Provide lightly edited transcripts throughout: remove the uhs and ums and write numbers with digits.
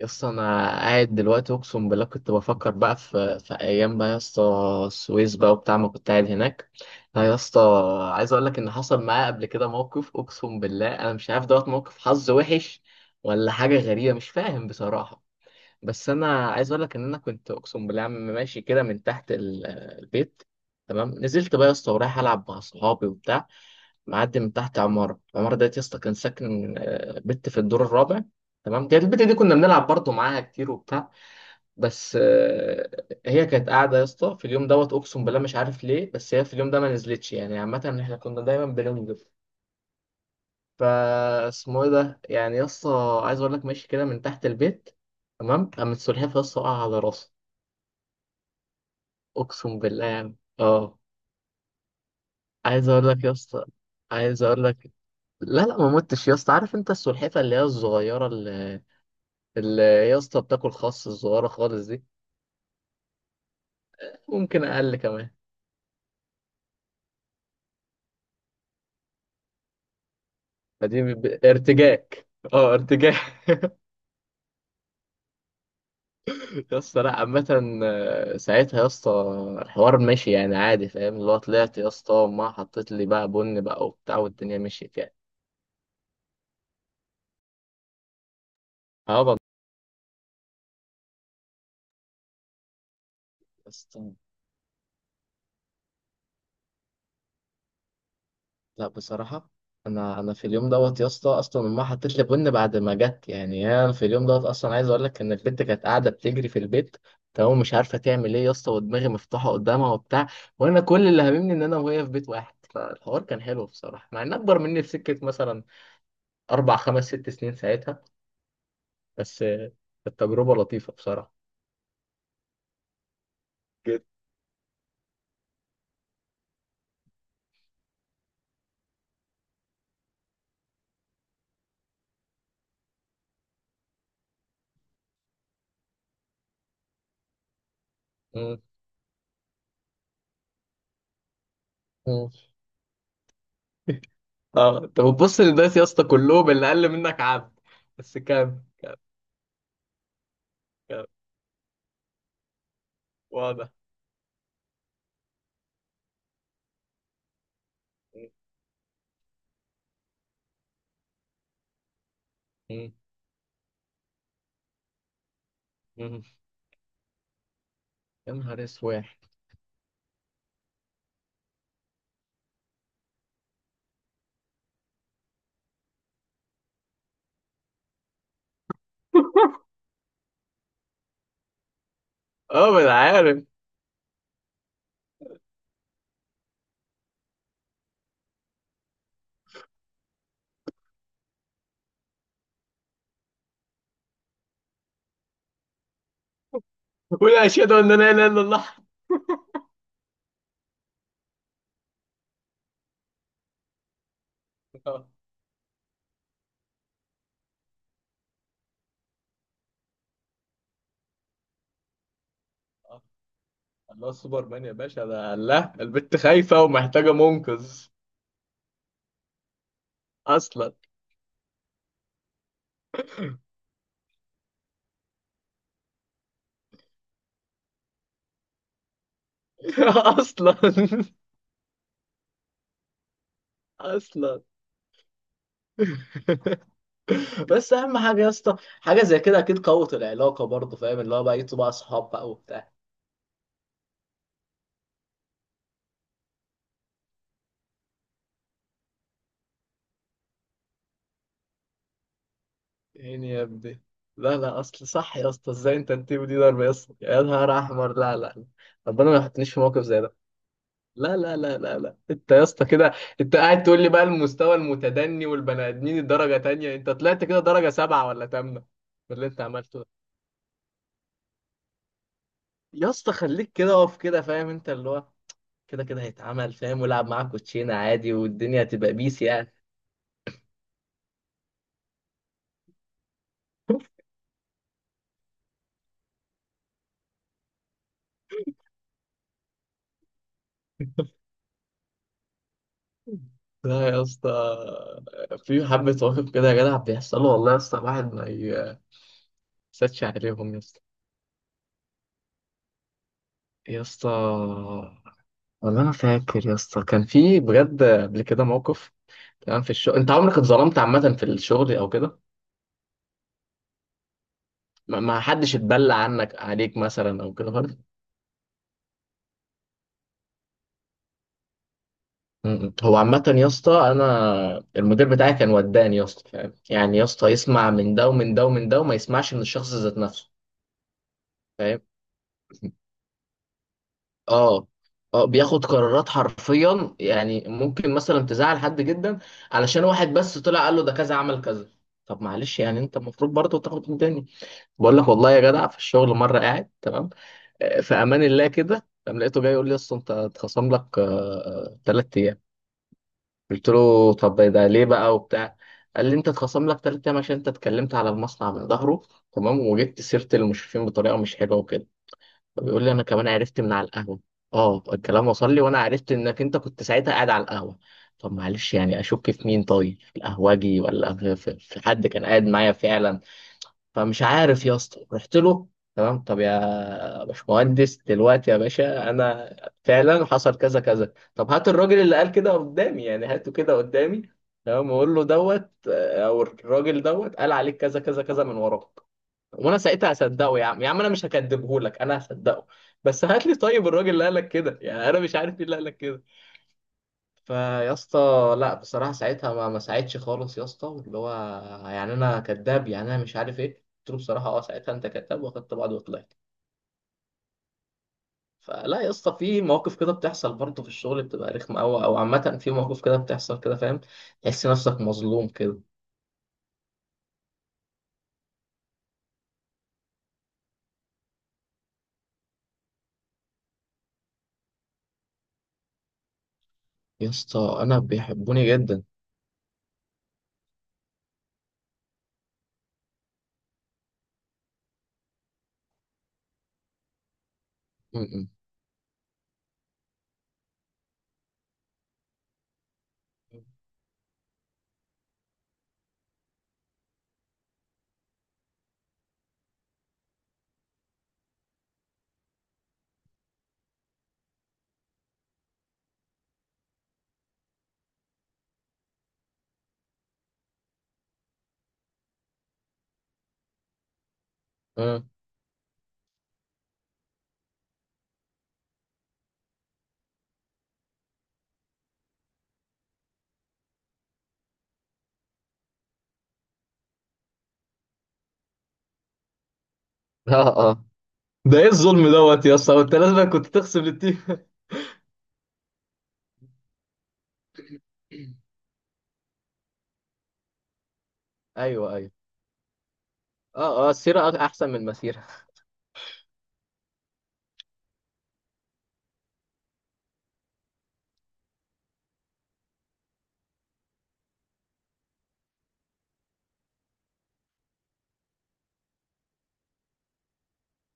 يا اسطى، انا قاعد دلوقتي اقسم بالله كنت بفكر بقى في ايام بقى يا اسطى، السويس بقى وبتاع ما كنت قاعد هناك. لا يا اسطى، عايز اقول لك ان حصل معايا قبل كده موقف. اقسم بالله انا مش عارف، دوت موقف حظ وحش ولا حاجه غريبه، مش فاهم بصراحه. بس انا عايز اقول لك ان انا كنت اقسم بالله عم ماشي كده من تحت البيت. تمام، نزلت بقى يا اسطى ورايح العب مع صحابي وبتاع، معدي من تحت العمارة ديت. يا اسطى كان ساكن بنت في الدور الرابع. تمام، كانت البت دي كنا بنلعب برضه معاها كتير وبتاع. بس هي كانت قاعدة يا اسطى في اليوم دوت. أقسم بالله مش عارف ليه، بس هي في اليوم ده ما نزلتش يعني. عامة احنا كنا دايما بننزل. فا اسمه ايه ده يعني يا اسطى، عايز اقول لك ماشي كده من تحت البيت. تمام، قامت سلحفاة يا اسطى وقع على راسها. أقسم بالله يعني عايز اقول لك يا اسطى، عايز اقول لك. لا لا، ما متش يا اسطى. عارف انت السلحفاه اللي هي الصغيره اللي يا اسطى بتاكل خس، الصغيره خالص دي. ممكن اقل كمان. فدي ارتجاك. اه ارتجاك. يا اسطى لا، عامة ساعتها يا اسطى الحوار ماشي يعني عادي فاهم. اللي هو طلعت يا اسطى وما حطيت لي بقى بن بقى وبتاع، والدنيا مشيت يعني. اه والله. يا اسطى لا، بصراحة أنا في اليوم دوت يا اسطى أصلا أمها حطت لي بن بعد ما جت يعني. أنا في اليوم دوت أصلا عايز أقول لك إن البنت كانت قاعدة بتجري في البيت. تمام، مش عارفة تعمل إيه يا اسطى، ودماغي مفتوحة قدامها وبتاع. وأنا كل اللي هاممني إن أنا وهي في بيت واحد، فالحوار كان حلو بصراحة مع إن أكبر مني بسكة مثلا 4 5 6 سنين ساعتها. بس التجربة لطيفة بصراحة جدا. مم. مم. أه أنت بتبص للناس يا اسطى كلهم اللي أقل منك عبد. بس كام واضح. مم. يا نهار اسود. اه ما انا عارف. قول اشهد ان لا اله الا الله. آه، آه. الله سوبرمان يا باشا، ده الله. البت خايفه ومحتاجه منقذ. اصلا. اصلا. اصلا. بس اهم حاجه يا اسطى، حاجه زي كده اكيد قوت العلاقه برضه، فاهم اللي هو بقى يبقوا بقى اصحاب بقى وبتاع. يعني يا ابني، لا لا، اصل صح يا اسطى. ازاي انت التيم دي ضرب يا اسطى؟ يا نهار احمر. لا لا، ربنا ما يحطنيش في موقف زي ده. لا لا لا لا لا، انت يا اسطى كده. انت قاعد تقول لي بقى المستوى المتدني والبني ادمين الدرجه تانية، انت طلعت كده درجه سبعه ولا تامنه باللي انت عملته ده. يا اسطى خليك كده، اقف كده فاهم انت اللي هو، كده كده هيتعمل فاهم. ولعب معاك كوتشينه عادي والدنيا هتبقى بيس يعني. لا يا اسطى، في حبة مواقف كده يا جدع بيحصلوا والله يا اسطى، الواحد ما يسدش عليهم يا اسطى. يا اسطى والله انا فاكر يا اسطى كان في بجد قبل كده موقف. تمام، في الشغل انت عمرك اتظلمت عامه في الشغل او كده؟ ما حدش اتبلى عنك عليك مثلا او كده خالص؟ م-م. هو عامه يا اسطى انا المدير بتاعي كان وداني يا اسطى، فاهم يعني يا اسطى يسمع من ده ومن ده ومن ده وما يسمعش من الشخص ذات نفسه. فاهم. اه اه، بياخد قرارات حرفيا يعني. ممكن مثلا تزعل حد جدا علشان واحد بس طلع قال له ده كذا عمل كذا. طب معلش يعني، انت المفروض برضه تاخد من تاني. بقول لك والله يا جدع، في الشغل مره قاعد تمام في امان الله كده، قام لقيته جاي يقول لي اصل انت اتخصم لك 3 ايام. قلت له طب ده ليه بقى وبتاع؟ قال لي انت اتخصم لك ثلاث ايام عشان انت اتكلمت على المصنع من ظهره. تمام، وجبت سيره المشرفين بطريقه مش حلوه وكده. فبيقول لي انا كمان عرفت من على القهوه. اه الكلام وصل لي وانا عرفت انك انت كنت ساعتها قاعد على القهوه. طب معلش يعني، اشك في مين طيب؟ في القهوجي ولا في حد كان قاعد معايا فعلا؟ فمش عارف يا اسطى، رحت له. تمام، طب يا باشمهندس دلوقتي يا باشا، انا فعلا حصل كذا كذا. طب هات الراجل اللي قال كده قدامي، يعني هاته كده قدامي. تمام، واقول له دوت او الراجل دوت قال عليك كذا كذا كذا من وراك. وانا ساعتها هصدقه يا عم يا عم، انا مش هكدبه لك، انا هصدقه. بس هات لي طيب الراجل اللي قال لك كده، يعني انا مش عارف مين اللي قال لك كده. فيا اسطى، لا بصراحه ساعتها ما ساعدش خالص يا اسطى. اللي هو يعني انا كذاب؟ يعني انا مش عارف ايه، قلت له بصراحه ساعتها انت كذاب، واخدت بعض وطلعت. فلا يا اسطى، في مواقف كده بتحصل برضه في الشغل بتبقى رخمه قوي، او عامه في مواقف كده بتحصل كده فاهم، تحس نفسك مظلوم كده. يا اسطى انا بيحبوني جدا. م-م. م. اه اه ده ايه الظلم دوت يا اسطى؟ انت لازم كنت تخصم للتيم. ايوه ايوه. اه اه السيره احسن من المسيره.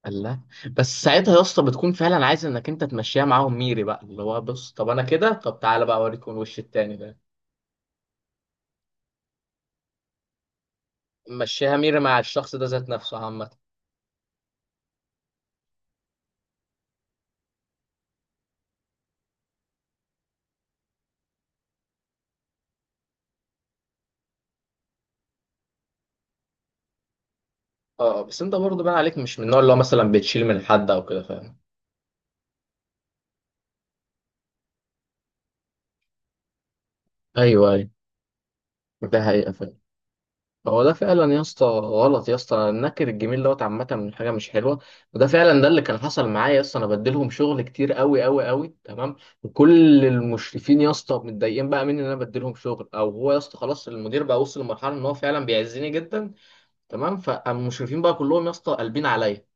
الله. بس ساعتها يا اسطى بتكون فعلا عايز انك انت تمشيها معاهم ميري بقى. اللي هو بص، طب انا كده؟ طب تعالى بقى اوريك الوش التاني ده. مشيها ميري مع الشخص ده ذات نفسه عامة. اه بس انت برضه بقى عليك مش من النوع اللي هو مثلا بتشيل من حد او كده فاهم. ايوه ايوه، ده حقيقة فعلا. هو ده فعلا يا اسطى غلط يا اسطى، النكر الجميل دوت عامه من حاجه مش حلوه. وده فعلا ده اللي كان حصل معايا يا اسطى، انا بديلهم شغل كتير قوي قوي قوي تمام. وكل المشرفين يا اسطى متضايقين بقى مني ان انا بديلهم شغل. او هو يا اسطى خلاص المدير بقى وصل لمرحله ان هو فعلا بيعزني جدا. تمام، فالمشرفين بقى كلهم يا اسطى قلبين عليا.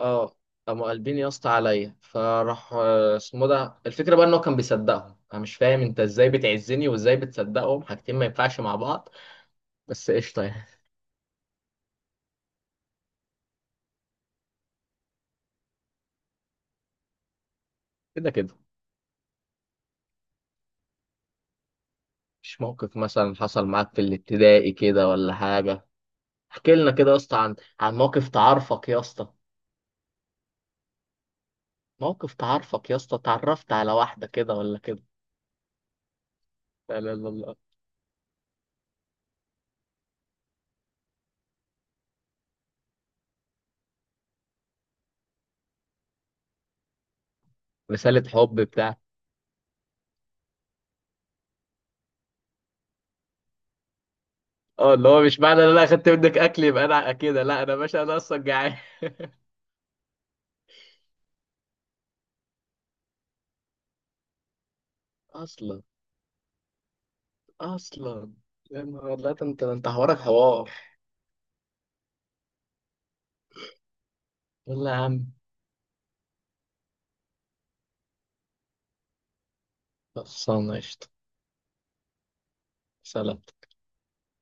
اه، قاموا قلبين يا اسطى عليا. فراح اسمه ده، الفكره بقى ان هو كان بيصدقهم. انا مش فاهم انت ازاي بتعزني وازاي بتصدقهم؟ حاجتين ما ينفعش مع بعض. بس قشطه يعني. كده كده. مش موقف مثلا حصل معاك في الابتدائي كده ولا حاجة؟ احكي لنا كده يا اسطى عن موقف تعرفك يا اسطى. موقف تعرفك يا اسطى، تعرفت على واحدة كده ولا كده؟ لا لا لا لا. رسالة حب بتاع؟ اه اللي هو مش معنى ان انا اخدت منك اكل يبقى انا كده، لا انا باشا انا اصلا جعان. اصلا. اصلا. يا نهار، لا ده انت حوارك حوار. يلا يا عم. خلصانة قشطة. سلام.